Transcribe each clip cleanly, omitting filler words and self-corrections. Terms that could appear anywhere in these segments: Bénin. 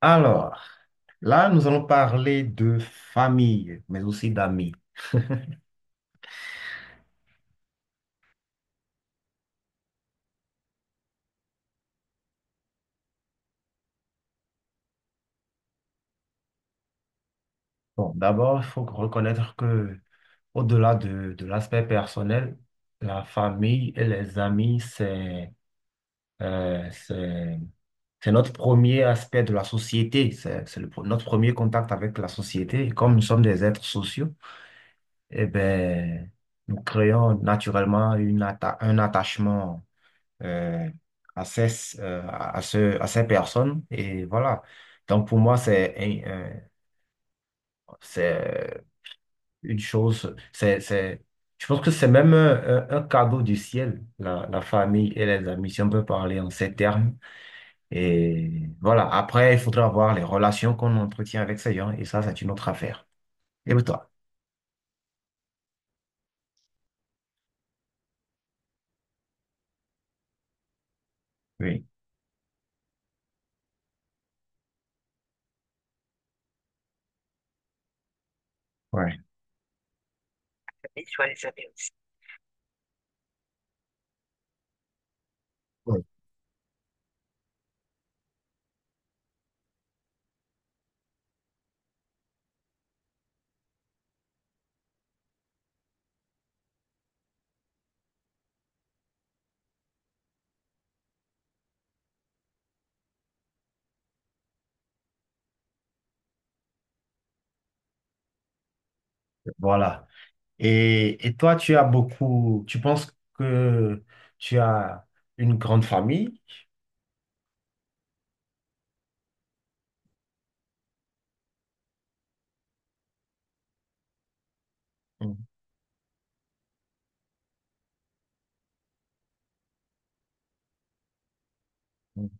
Alors, là, nous allons parler de famille, mais aussi d'amis. Bon, d'abord, il faut reconnaître que, au-delà de l'aspect personnel, la famille et les amis, euh, c'est c'est notre premier aspect de la société. C'est notre premier contact avec la société. Et comme nous sommes des êtres sociaux, eh ben, nous créons naturellement un attachement euh, à ces, à ce, à ces personnes. Et voilà. Donc, pour moi, c'est une chose, c'est, je pense que c'est même un cadeau du ciel, la famille et les amis, si on peut parler en ces termes. Et voilà. Après, il faudra voir les relations qu'on entretient avec ces gens, et ça, c'est une autre affaire. Et toi? Oui. Ouais. Ouais. Voilà. Et toi, tu as beaucoup, tu penses que tu as une grande famille? Mhm.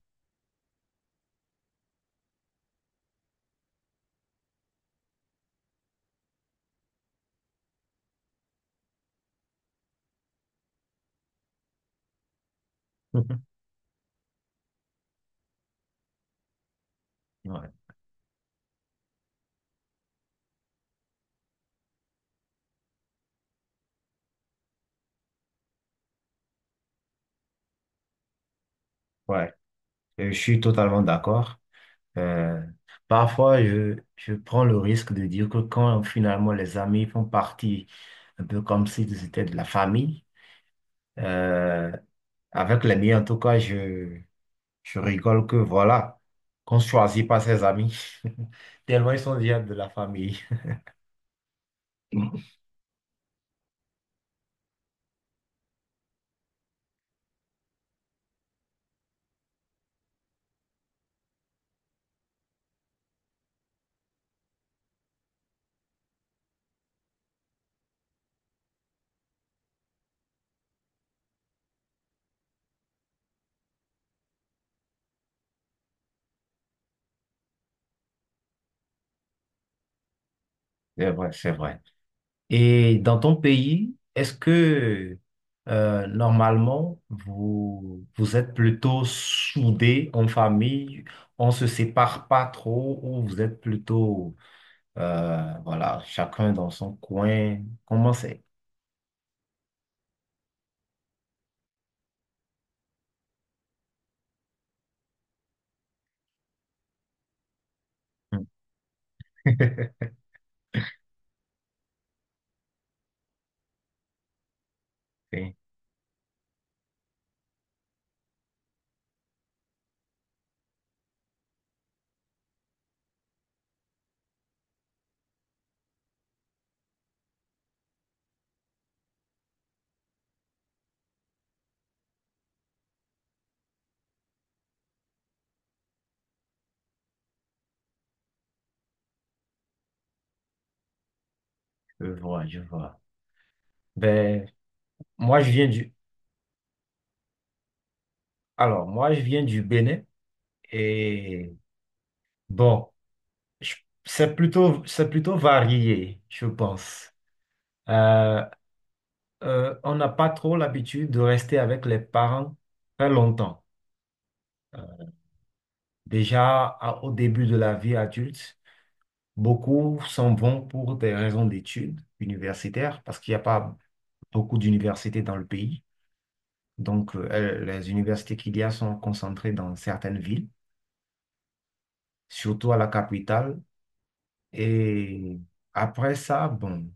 Ouais, ouais, euh, je suis totalement d'accord. Euh, Parfois, je prends le risque de dire que quand finalement les amis font partie, un peu comme s'ils étaient de la famille, euh, avec les miens en tout cas, je rigole que voilà, qu'on ne choisit pas ses amis, tellement ils sont déjà de la famille. C'est vrai, c'est vrai. Et dans ton pays, est-ce que normalement vous, vous êtes plutôt soudés en famille, on se sépare pas trop ou vous êtes plutôt voilà, chacun dans son coin? Comment c'est? Hmm. Oui, je vois, je vois. Ben, moi je viens du alors moi je viens du Bénin et bon, je- c'est plutôt varié, je pense. Euh, on n'a pas trop l'habitude de rester avec les parents très longtemps. Euh, déjà au début de la vie adulte, beaucoup s'en vont pour des raisons d'études universitaires parce qu'il n'y a pas beaucoup d'universités dans le pays. Donc, les universités qu'il y a sont concentrées dans certaines villes, surtout à la capitale. Et après ça, bon,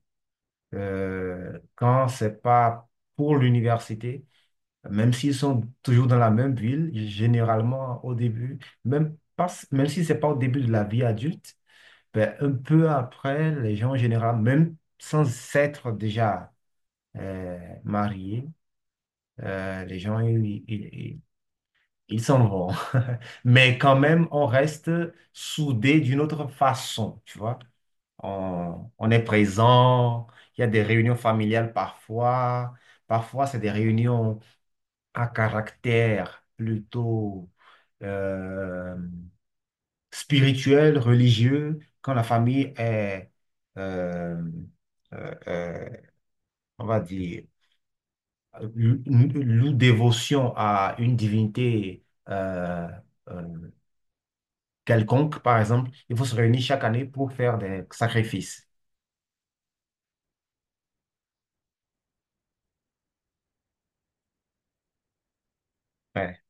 quand c'est pas pour l'université, même s'ils sont toujours dans la même ville, généralement au début, même, pas, même si ce n'est pas au début de la vie adulte, ben, un peu après, les gens en général, même sans s'être déjà mariés, les gens, ils s'en vont. Mais quand même, on reste soudés d'une autre façon, tu vois. On est présent, il y a des réunions familiales parfois, parfois c'est des réunions à caractère plutôt euh, spirituel, religieux, quand la famille est, euh, euh, euh, on va dire, lou- loue dévotion à une divinité euh, quelconque, par exemple, il faut se réunir chaque année pour faire des sacrifices. Ouais.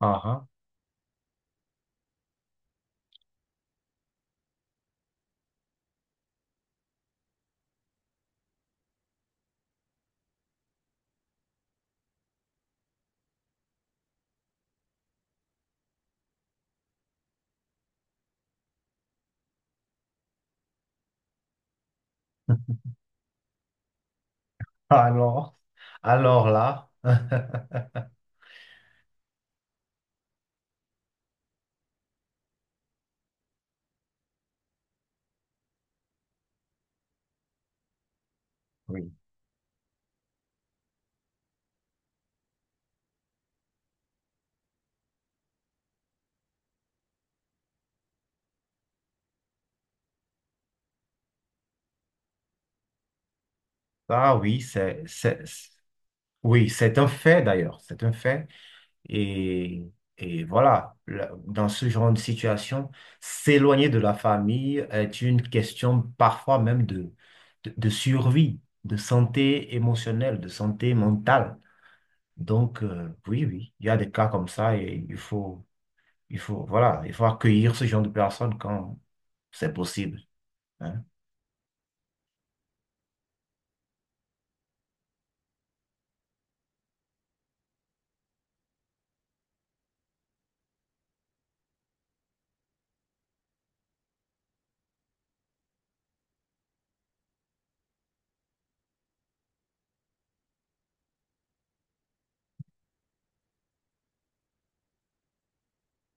Ah, ah. Alors, alors là, oui. Ah oui, c'est- Oui, c'est un fait d'ailleurs, c'est un fait. Et, et voilà, là, dans ce genre de situation, s'éloigner de la famille est une question parfois même de survie, de santé émotionnelle, de santé mentale. Donc, oui, oui, il y a des cas comme ça et il faut, voilà, il faut accueillir ce genre de personnes quand c'est possible, hein.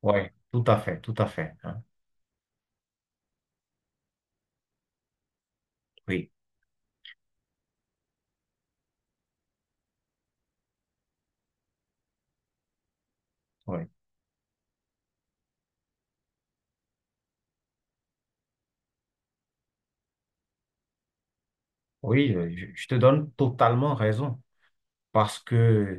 Ouais, tout à fait, tout à fait, hein. Oui, oui, oui, je te donne totalement raison. Parce que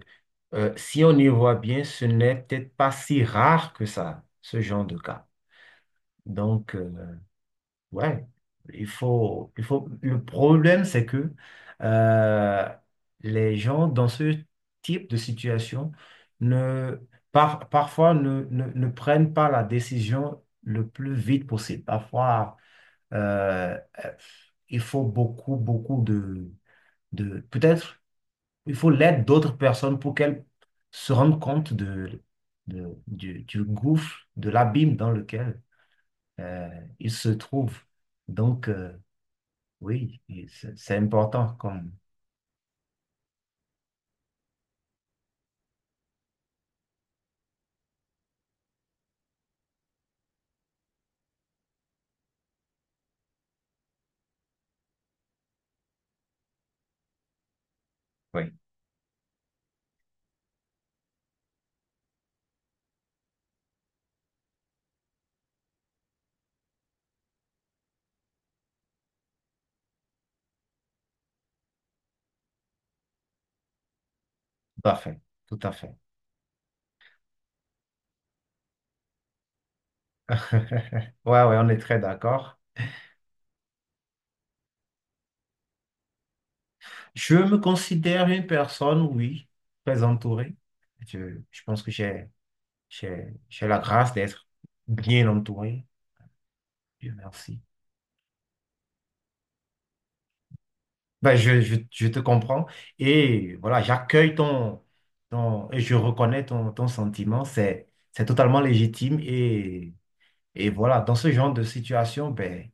si on y voit bien, ce n'est peut-être pas si rare que ça, ce genre de cas. Donc, ouais, il faut, il faut. Le problème, c'est que euh, les gens dans ce type de situation ne, parfois ne prennent pas la décision le plus vite possible. Parfois, euh, euh, il faut beaucoup, beaucoup peut-être, il faut l'aide d'autres personnes pour qu'elles se rendent compte du gouffre, de l'abîme dans lequel euh, ils se trouvent. Donc, oui, et c'est important comme... Oui, tout à fait, tout à fait. Ouais, ouais, on est très d'accord. Je me considère une personne, oui, très entourée. Je pense que j'ai la grâce d'être bien entouré. Dieu merci. Ben, je te comprends. Et voilà, j'accueille ton, et je reconnais ton sentiment. C'est totalement légitime. Et voilà, dans ce genre de situation, ben,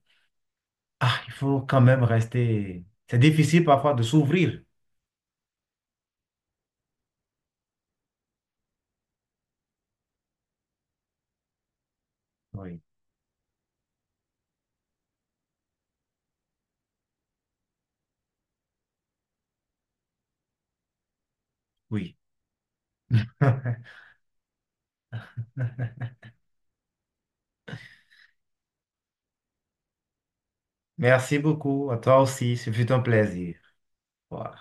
ah, il faut quand même rester. C'est difficile parfois de s'ouvrir. Oui, oui. Merci beaucoup. À toi aussi. Ce fut un plaisir. Voilà.